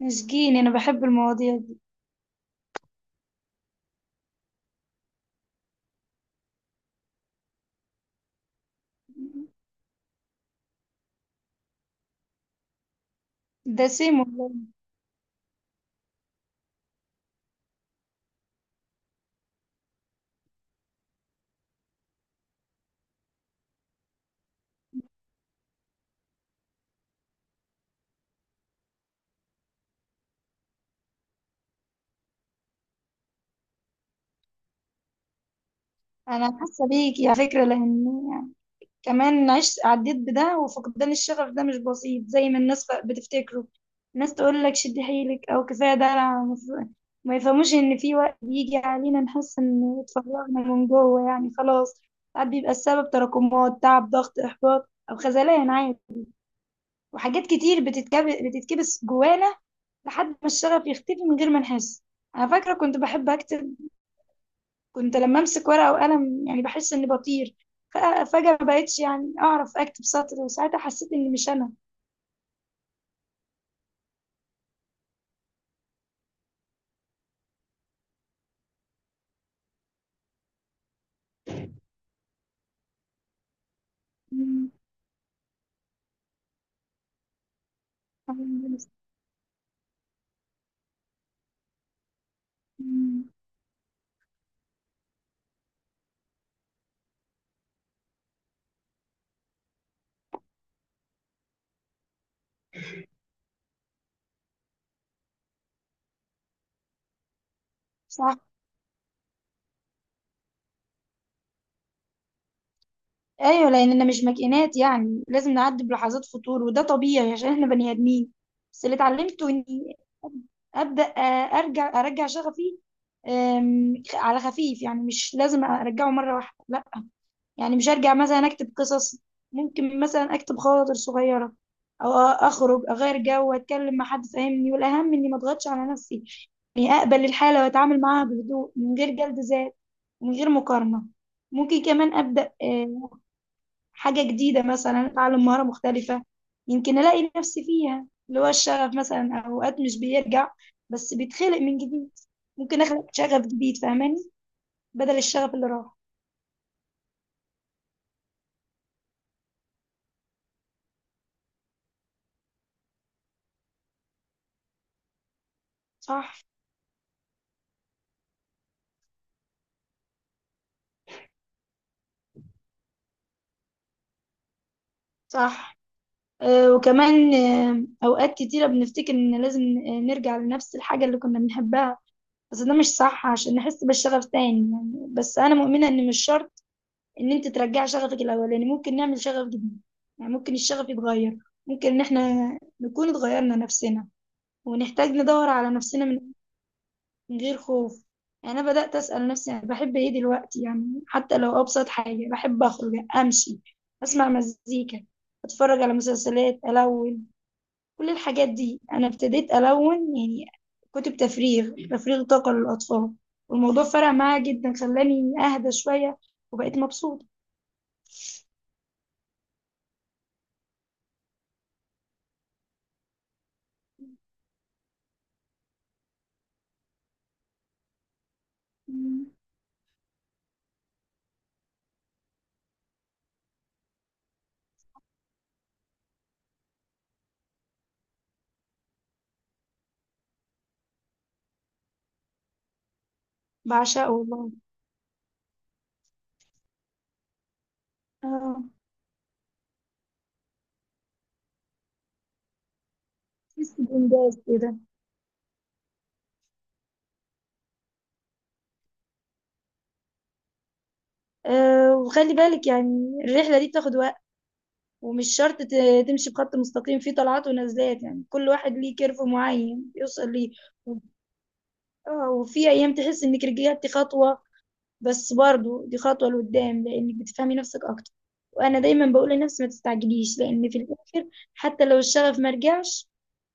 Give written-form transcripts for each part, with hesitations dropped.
مسكين، انا بحب المواضيع دي. ده سيم والله. انا حاسه بيك على فكره، لان يعني كمان عشت عديت بده. وفقدان الشغف ده مش بسيط زي ما الناس بتفتكره. الناس تقول لك شد حيلك او كفايه ده، أنا ما يفهموش ان في وقت بيجي علينا نحس ان اتفرغنا من جوه يعني خلاص. ساعات بيبقى السبب تراكمات تعب ضغط احباط او خذلان عادي، وحاجات كتير بتتكبس جوانا لحد ما الشغف يختفي من غير ما نحس. انا فاكره كنت بحب اكتب، كنت لما امسك ورقه وقلم يعني بحس اني بطير. فجاه ما بقتش يعني اعرف اكتب سطر، وساعتها حسيت اني مش انا. مم. مم. صح. ايوه لاننا مش ماكينات يعني لازم نعدي بلحظات فتور وده طبيعي عشان احنا بني ادمين. بس اللي اتعلمته اني ابدا ارجع شغفي على خفيف، يعني مش لازم ارجعه مره واحده لا. يعني مش هرجع مثلا اكتب قصص، ممكن مثلا اكتب خواطر صغيرة او اخرج اغير جو واتكلم مع حد فاهمني، والاهم اني ما اضغطش على نفسي، اني اقبل الحالة واتعامل معاها بهدوء من غير جلد ذات ومن غير مقارنة. ممكن كمان ابدا حاجة جديدة، مثلا اتعلم مهارة مختلفة، يمكن الاقي نفسي فيها. اللي هو الشغف مثلا اوقات مش بيرجع بس بيتخلق من جديد. ممكن اخلق شغف جديد فاهماني، بدل الشغف اللي راح. صح. صح. آه، وكمان آه، أوقات كتيرة بنفتكر إن لازم نرجع لنفس الحاجة اللي كنا بنحبها، بس ده مش صح عشان نحس بالشغف تاني. يعني بس أنا مؤمنة إن مش شرط إن أنت ترجع شغفك الأولاني، ممكن نعمل شغف جديد. يعني ممكن الشغف يتغير، ممكن إن إحنا نكون اتغيرنا نفسنا ونحتاج ندور على نفسنا من غير خوف. يعني أنا بدأت أسأل نفسي أنا بحب إيه دلوقتي، يعني حتى لو أبسط حاجة. بحب أخرج أمشي، أسمع مزيكا، أتفرج على مسلسلات ألون. كل الحاجات دي انا ابتديت الون يعني. كتب تفريغ طاقة للاطفال، والموضوع فرق معايا جدا، خلاني اهدى شوية وبقيت مبسوطة. مم. بعشقه والله. اه، بحس بإنجاز كده. أه وخلي بالك يعني الرحلة دي بتاخد وقت، ومش شرط تمشي بخط مستقيم، فيه طلعات ونزلات يعني كل واحد ليه كيرف معين يوصل ليه. وفي أيام تحس إنك رجعتي خطوة، بس برضو دي خطوة لقدام لأنك بتفهمي نفسك أكتر. وأنا دايما بقول لنفسي ما تستعجليش، لأن في الآخر حتى لو الشغف ما رجعش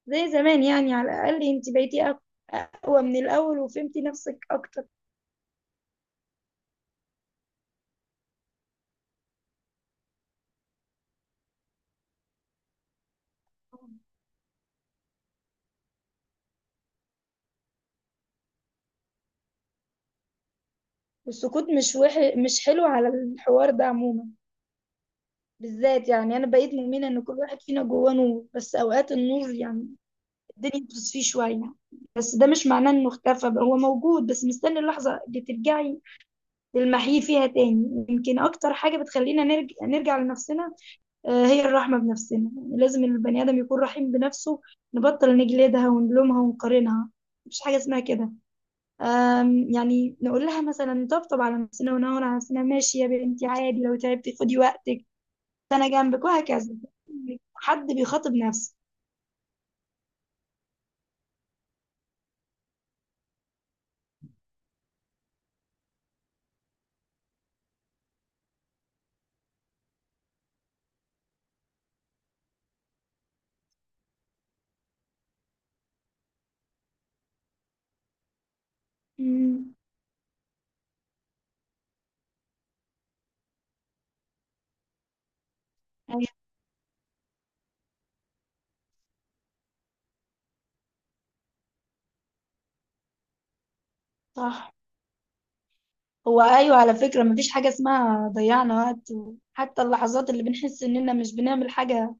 زي زمان، يعني على الأقل أنت بقيتي أقوى من الأول وفهمتي نفسك أكتر. والسكوت مش حلو على الحوار ده عموما. بالذات يعني أنا بقيت مؤمنة إن كل واحد فينا جواه نور، بس أوقات النور يعني الدنيا بتصفيه شوية، بس ده مش معناه إنه اختفى، بقى هو موجود بس مستني اللحظة اللي ترجعي نلمحيه فيها تاني. يمكن أكتر حاجة بتخلينا نرجع لنفسنا هي الرحمة بنفسنا. يعني لازم البني آدم يكون رحيم بنفسه، نبطل نجلدها ونلومها ونقارنها، مفيش حاجة اسمها كده. يعني نقول لها مثلا، طبطب على نفسنا ونهون على نفسنا، ماشي يا بنتي عادي لو تعبتي خدي وقتك، أنا جنبك وهكذا. حد بيخاطب نفسه. مم، أيوة صح. هو أيوة على فكرة، مفيش حاجة اسمها ضيعنا وقت، حتى اللحظات اللي بنحس إننا مش بنعمل حاجة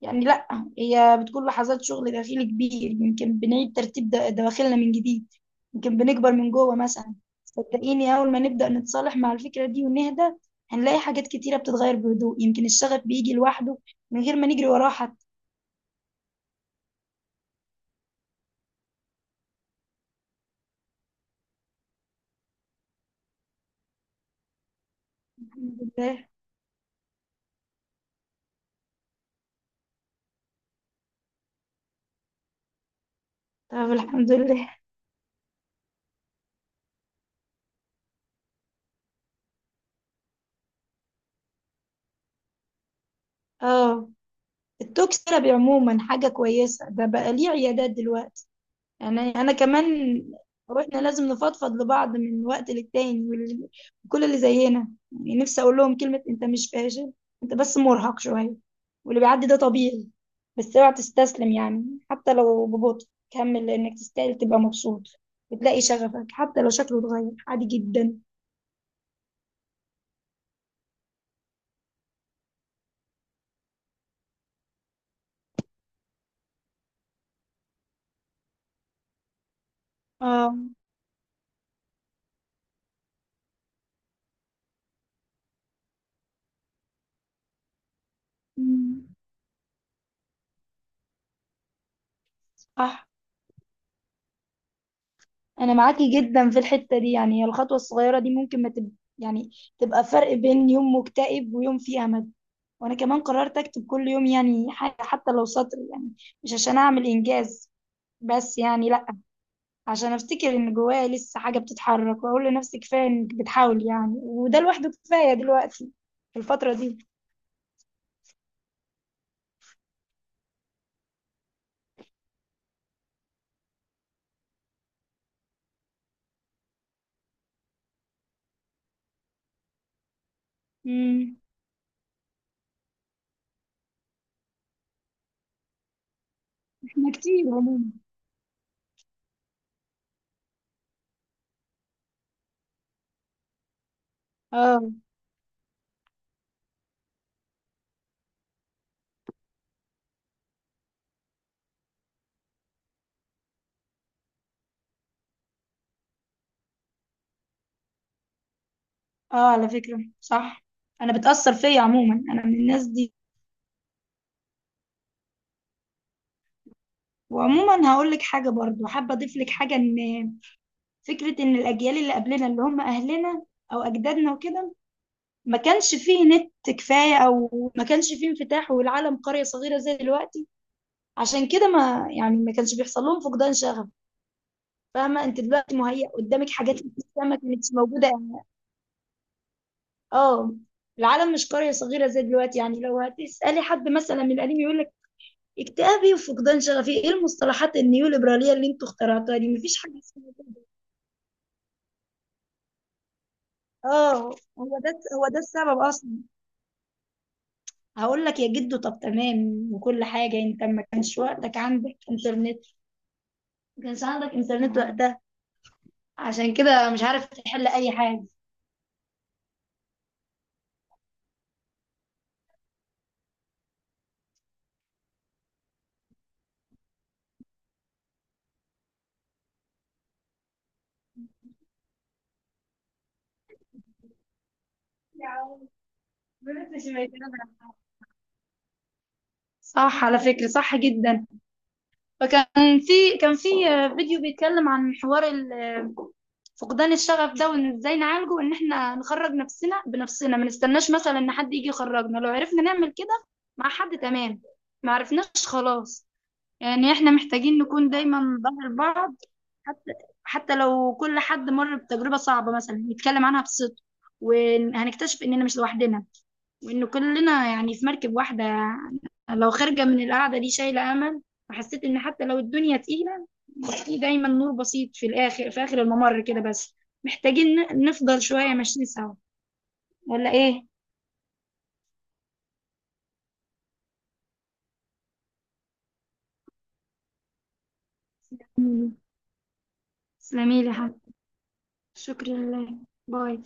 يعني، لا هي بتكون لحظات شغل داخلي كبير، يمكن بنعيد ترتيب دواخلنا من جديد، يمكن بنكبر من جوه مثلا. صدقيني، أول ما نبدأ نتصالح مع الفكرة دي ونهدى، هنلاقي حاجات كتيرة بتتغير بهدوء، يمكن الشغف بيجي لوحده من غير ما نجري وراه حتى. الحمد لله. طب الحمد لله. اه، التوك ثيرابي عموما حاجة كويسة، ده بقى ليه عيادات دلوقتي. يعني انا كمان، واحنا لازم نفضفض لبعض من وقت للتاني وكل اللي زينا، يعني نفسي اقول لهم كلمة، انت مش فاشل، انت بس مرهق شوية، واللي بيعدي ده طبيعي، بس اوعى تستسلم. يعني حتى لو ببطء كمل، لانك تستاهل تبقى مبسوط، وتلاقي شغفك حتى لو شكله اتغير، عادي جدا. اه. أمم، صح. انا معاكي جدا في الحتة دي، يعني الخطوة الصغيرة دي ممكن ما تب... يعني تبقى فرق بين يوم مكتئب ويوم فيه امل. وانا كمان قررت اكتب كل يوم، يعني حاجة حتى لو سطر، يعني مش عشان اعمل انجاز، بس يعني لا، عشان افتكر ان جوايا لسه حاجة بتتحرك، واقول لنفسي كفاية انك بتحاول يعني، وده لوحده كفاية دلوقتي في الفترة دي. امم احنا كتير عموما. اه. اه على فكرة صح، انا بتأثر فيا عموما، انا من الناس دي. وعموما هقول لك حاجة برضو، حابة اضيف لك حاجة، ان فكرة ان الاجيال اللي قبلنا اللي هم اهلنا او اجدادنا وكده، ما كانش فيه نت كفاية أو ما كانش فيه انفتاح والعالم قرية صغيرة زي دلوقتي، عشان كده ما يعني، ما كانش بيحصل لهم فقدان شغف. فاهمة، أنت دلوقتي مهيأ قدامك حاجات لسه ما كانتش موجودة يعني. اه، العالم مش قرية صغيرة زي دلوقتي، يعني لو هتسألي حد مثلا من القديم يقول لك اكتئابي وفقدان شغفي ايه المصطلحات النيوليبرالية اللي انتوا اخترعتوها دي، مفيش حاجة اسمها كده. اه هو ده السبب اصلا. هقول لك يا جدو، طب تمام وكل حاجة انت ما كانش وقتك عندك انترنت، ما كانش عندك انترنت وقتها، عشان كده مش عارف تحل اي حاجه. صح على فكرة، صح جدا. فكان في كان في فيديو بيتكلم عن حوار فقدان الشغف ده وان ازاي نعالجه، ان احنا نخرج نفسنا بنفسنا، ما نستناش مثلا ان حد يجي يخرجنا لو عرفنا نعمل كده، مع حد تمام. ما عرفناش خلاص. يعني احنا محتاجين نكون دايما ظهر بعض. حتى حتى لو كل حد مر بتجربة صعبة مثلا يتكلم عنها بصدق، وهنكتشف إننا مش لوحدنا، وإن كلنا يعني في مركب واحدة. لو خارجة من القعدة دي شايلة أمل، وحسيت إن حتى لو الدنيا تقيلة في دايما نور بسيط في الآخر، في آخر الممر كده. بس محتاجين نفضل شوية ماشيين سوا. ولا إيه؟ تسلميلي. تسلميلي يا حبيبي. شكرا لله. باي.